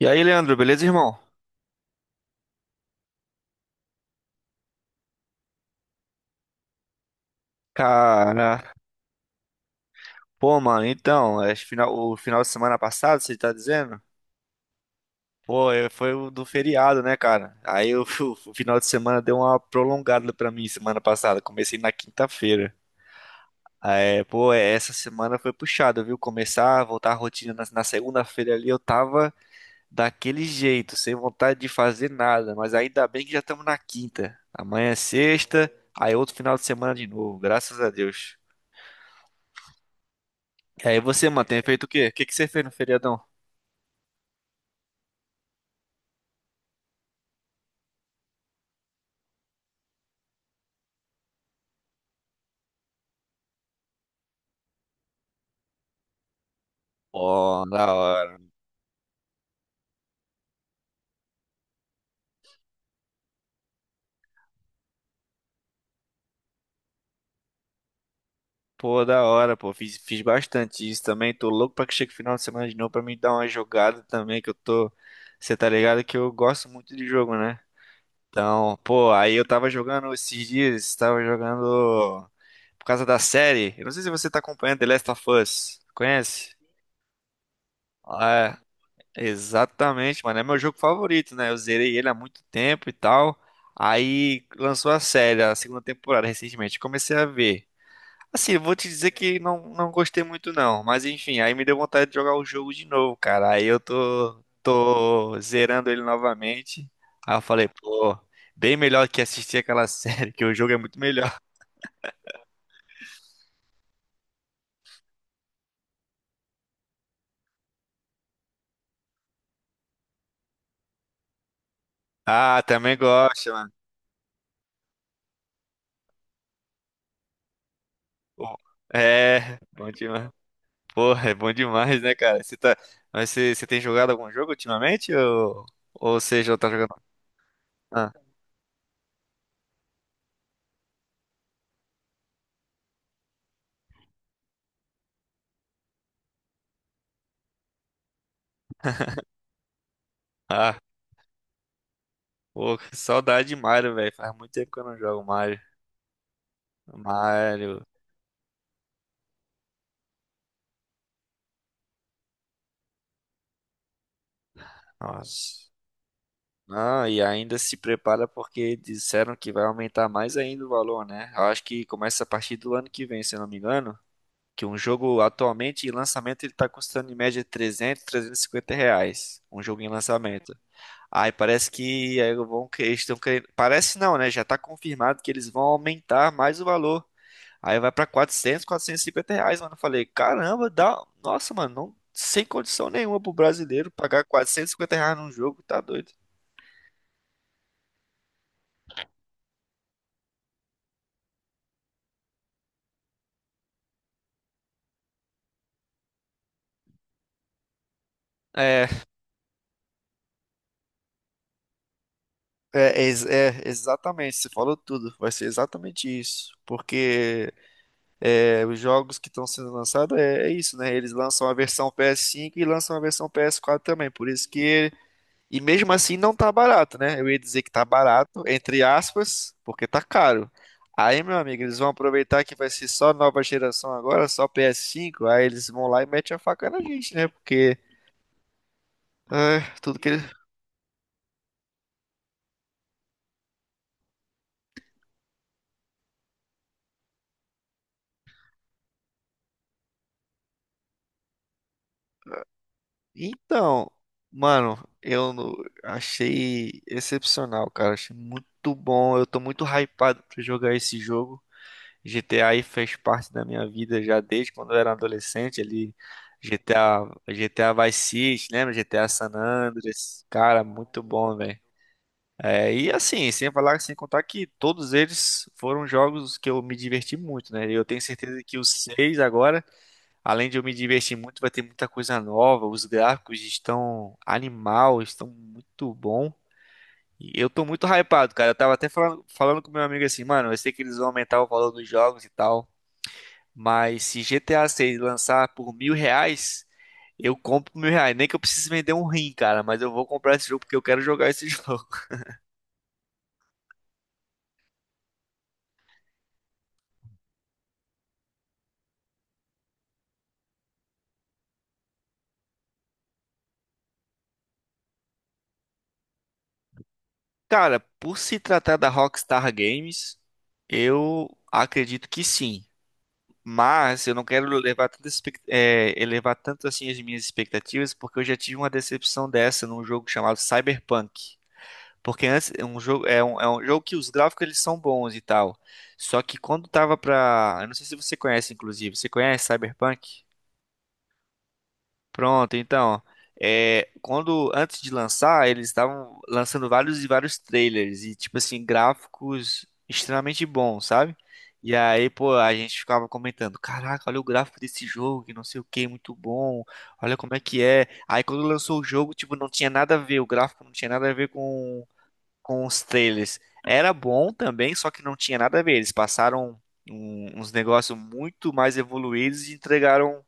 E aí, Leandro, beleza, irmão? Cara, pô, mano, então, é final, o final de semana passado, você tá dizendo? Pô, é, foi o do feriado, né, cara? O final de semana deu uma prolongada pra mim semana passada. Comecei na quinta-feira. Essa semana foi puxada, viu? Voltar à rotina na segunda-feira ali, eu tava daquele jeito, sem vontade de fazer nada. Mas ainda bem que já estamos na quinta. Amanhã é sexta, aí outro final de semana de novo, graças a Deus. E aí você, mano, tem feito o quê? O que que você fez no feriadão? Pô, da hora. Pô, da hora, pô. Fiz bastante isso também. Tô louco pra que chegue o final de semana de novo pra mim dar uma jogada também, que eu tô... Você tá ligado que eu gosto muito de jogo, né? Então, pô, aí eu tava jogando esses dias, tava jogando por causa da série. Eu não sei se você tá acompanhando The Last of Us. Conhece? É, Exatamente, mano. É meu jogo favorito, né? Eu zerei ele há muito tempo e tal. Aí lançou a série, a segunda temporada, recentemente. Comecei a ver. Assim, eu vou te dizer que não gostei muito, não. Mas enfim, aí me deu vontade de jogar o jogo de novo, cara. Aí eu tô zerando ele novamente. Aí eu falei, pô, bem melhor que assistir aquela série, que o jogo é muito melhor. Ah, também gosto, mano. Pô, É, bom demais. Porra, é bom demais, né, cara? Você tá... Mas você tem jogado algum jogo ultimamente? Ou você já tá jogando? Ah, ah, pô, que saudade de Mario, velho. Faz muito tempo que eu não jogo Mario. Mario, nossa. Não, e ainda se prepara porque disseram que vai aumentar mais ainda o valor, né? Eu acho que começa a partir do ano que vem, se eu não me engano. Que um jogo atualmente em lançamento ele tá custando em média 300, 350 reais. Um jogo em lançamento. Aí parece que eles estão querendo. Parece não, né? Já tá confirmado que eles vão aumentar mais o valor. Aí vai pra R$ 400, R$ 450, mano. Eu falei, caramba, dá. Nossa, mano, sem condição nenhuma pro brasileiro pagar R$ 450 num jogo, tá doido. É, exatamente, você falou tudo. Vai ser exatamente isso. Porque é, os jogos que estão sendo lançados é isso, né? Eles lançam a versão PS5 e lançam a versão PS4 também. Por isso que... E mesmo assim não tá barato, né? Eu ia dizer que tá barato, entre aspas, porque tá caro. Aí, meu amigo, eles vão aproveitar que vai ser só nova geração agora, só PS5, aí eles vão lá e metem a faca na gente, né? Porque ah, tudo que eles... Então, mano, eu no- achei excepcional, cara. Achei muito bom. Eu tô muito hypado pra jogar esse jogo. GTA aí fez parte da minha vida já desde quando eu era adolescente ali. GTA Vice City, lembra? GTA San Andreas. Cara, muito bom, velho. É, e assim, sem falar, sem contar que todos eles foram jogos que eu me diverti muito, né? Eu tenho certeza que os seis agora, além de eu me divertir muito, vai ter muita coisa nova. Os gráficos estão animal, estão muito bom. E eu tô muito hypado, cara. Eu tava até falando com meu amigo assim, mano, eu sei que eles vão aumentar o valor dos jogos e tal. Mas se GTA 6 lançar por R$ 1.000, eu compro por R$ 1.000. Nem que eu precise vender um rim, cara, mas eu vou comprar esse jogo porque eu quero jogar esse jogo. Cara, por se tratar da Rockstar Games, eu acredito que sim. Mas eu não quero levar tanto, elevar tanto assim as minhas expectativas, porque eu já tive uma decepção dessa num jogo chamado Cyberpunk. Porque antes é um jogo que os gráficos eles são bons e tal. Só que quando tava pra... Eu não sei se você conhece, inclusive. Você conhece Cyberpunk? Pronto, então. É, quando antes de lançar, eles estavam lançando vários e vários trailers e tipo assim, gráficos extremamente bons, sabe? E aí, pô, a gente ficava comentando, caraca, olha o gráfico desse jogo, que não sei o que, muito bom. Olha como é que é. Aí quando lançou o jogo, tipo, não tinha nada a ver, o gráfico não tinha nada a ver com os trailers, era bom também, só que não tinha nada a ver. Eles passaram uns negócios muito mais evoluídos e entregaram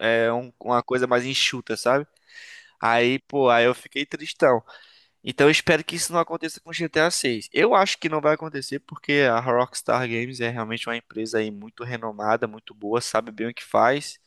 uma coisa mais enxuta, sabe? Aí, pô, aí eu fiquei tristão. Então eu espero que isso não aconteça com GTA 6. Eu acho que não vai acontecer porque a Rockstar Games é realmente uma empresa aí muito renomada, muito boa, sabe bem o que faz.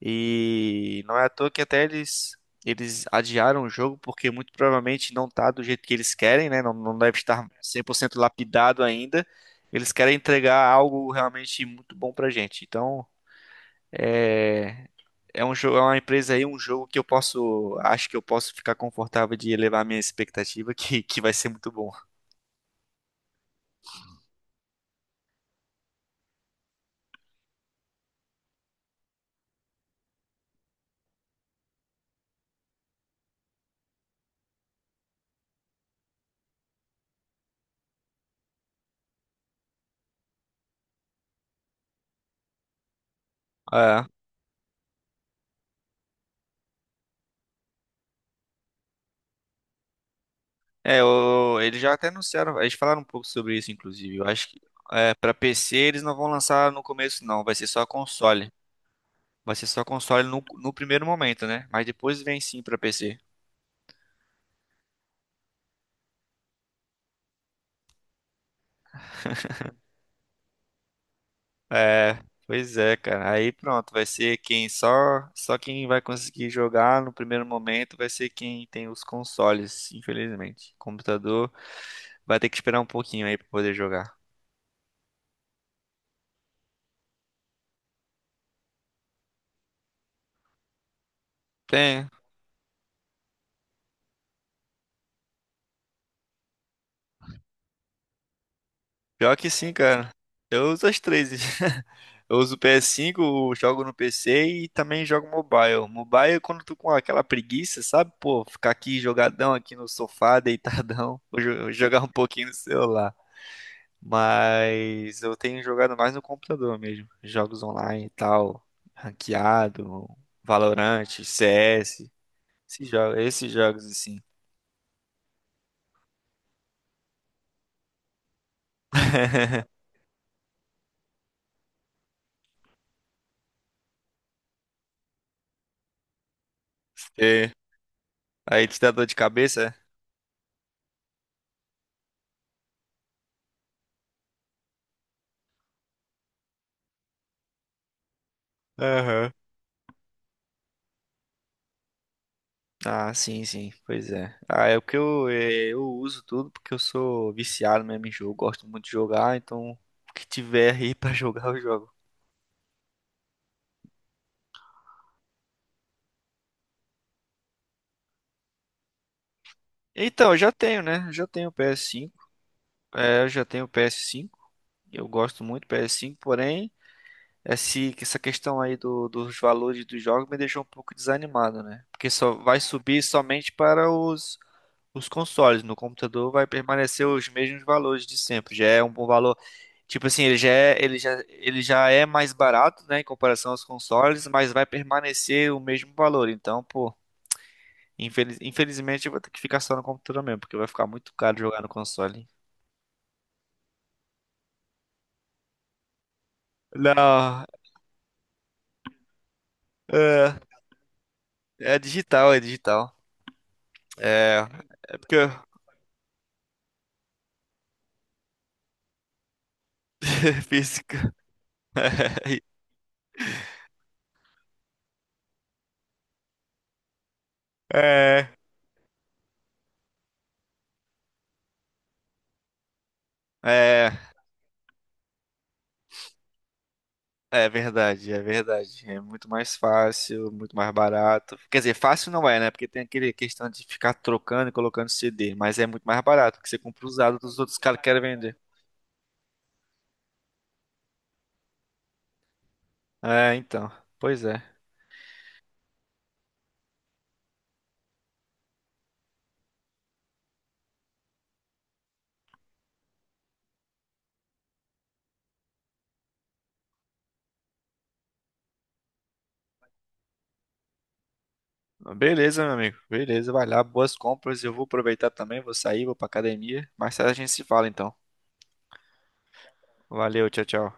E não é à toa que eles adiaram o jogo, porque muito provavelmente não tá do jeito que eles querem, né? Não deve estar 100% lapidado ainda. Eles querem entregar algo realmente muito bom pra gente. Então, é, é um jogo, é uma empresa aí, um jogo que eu posso, acho que eu posso ficar confortável de elevar minha expectativa, que vai ser muito bom. É, eles já até anunciaram, eles falaram um pouco sobre isso, inclusive. Eu acho que é, para PC eles não vão lançar no começo, não, vai ser só console. Vai ser só console no primeiro momento, né? Mas depois vem sim pra PC. É, pois é, cara. Aí pronto, vai ser quem só quem vai conseguir jogar no primeiro momento vai ser quem tem os consoles, infelizmente. Computador vai ter que esperar um pouquinho aí pra poder jogar. Tem, Pior que sim, cara. Eu uso as três. Eu uso o PS5, jogo no PC e também jogo mobile. Mobile, é quando tu com aquela preguiça, sabe? Pô, ficar aqui jogadão aqui no sofá, deitadão, jogar um pouquinho no celular. Mas eu tenho jogado mais no computador mesmo. Jogos online e tal, ranqueado, Valorant, CS, esses jogos assim. É. Aí te dá dor de cabeça? É? Aham. Ah, sim, pois é. Eu uso tudo porque eu sou viciado mesmo em jogo, gosto muito de jogar, então o que tiver aí pra jogar eu jogo. Então, eu já tenho, né? Eu já tenho o PS5, é, eu já tenho o PS5, eu gosto muito do PS5, porém, essa questão aí dos valores dos jogos me deixou um pouco desanimado, né? Porque só vai subir somente para os consoles. No computador vai permanecer os mesmos valores de sempre. Já é um bom valor. Tipo assim, ele já é mais barato, né, em comparação aos consoles, mas vai permanecer o mesmo valor. Então, pô, infelizmente eu vou ter que ficar só no computador mesmo, porque vai ficar muito caro jogar no console. Não, é, é digital, é digital. É, é porque eu... física. É, É. É verdade. É muito mais fácil, muito mais barato. Quer dizer, fácil não é, né? Porque tem aquele questão de ficar trocando e colocando CD, mas é muito mais barato, porque você compra usado dos outros caras que querem vender. É, então. Pois é. Beleza, meu amigo. Beleza, vai lá, boas compras. Eu vou aproveitar também, vou sair, vou pra academia. Mais tarde a gente se fala, então. Valeu, tchau, tchau.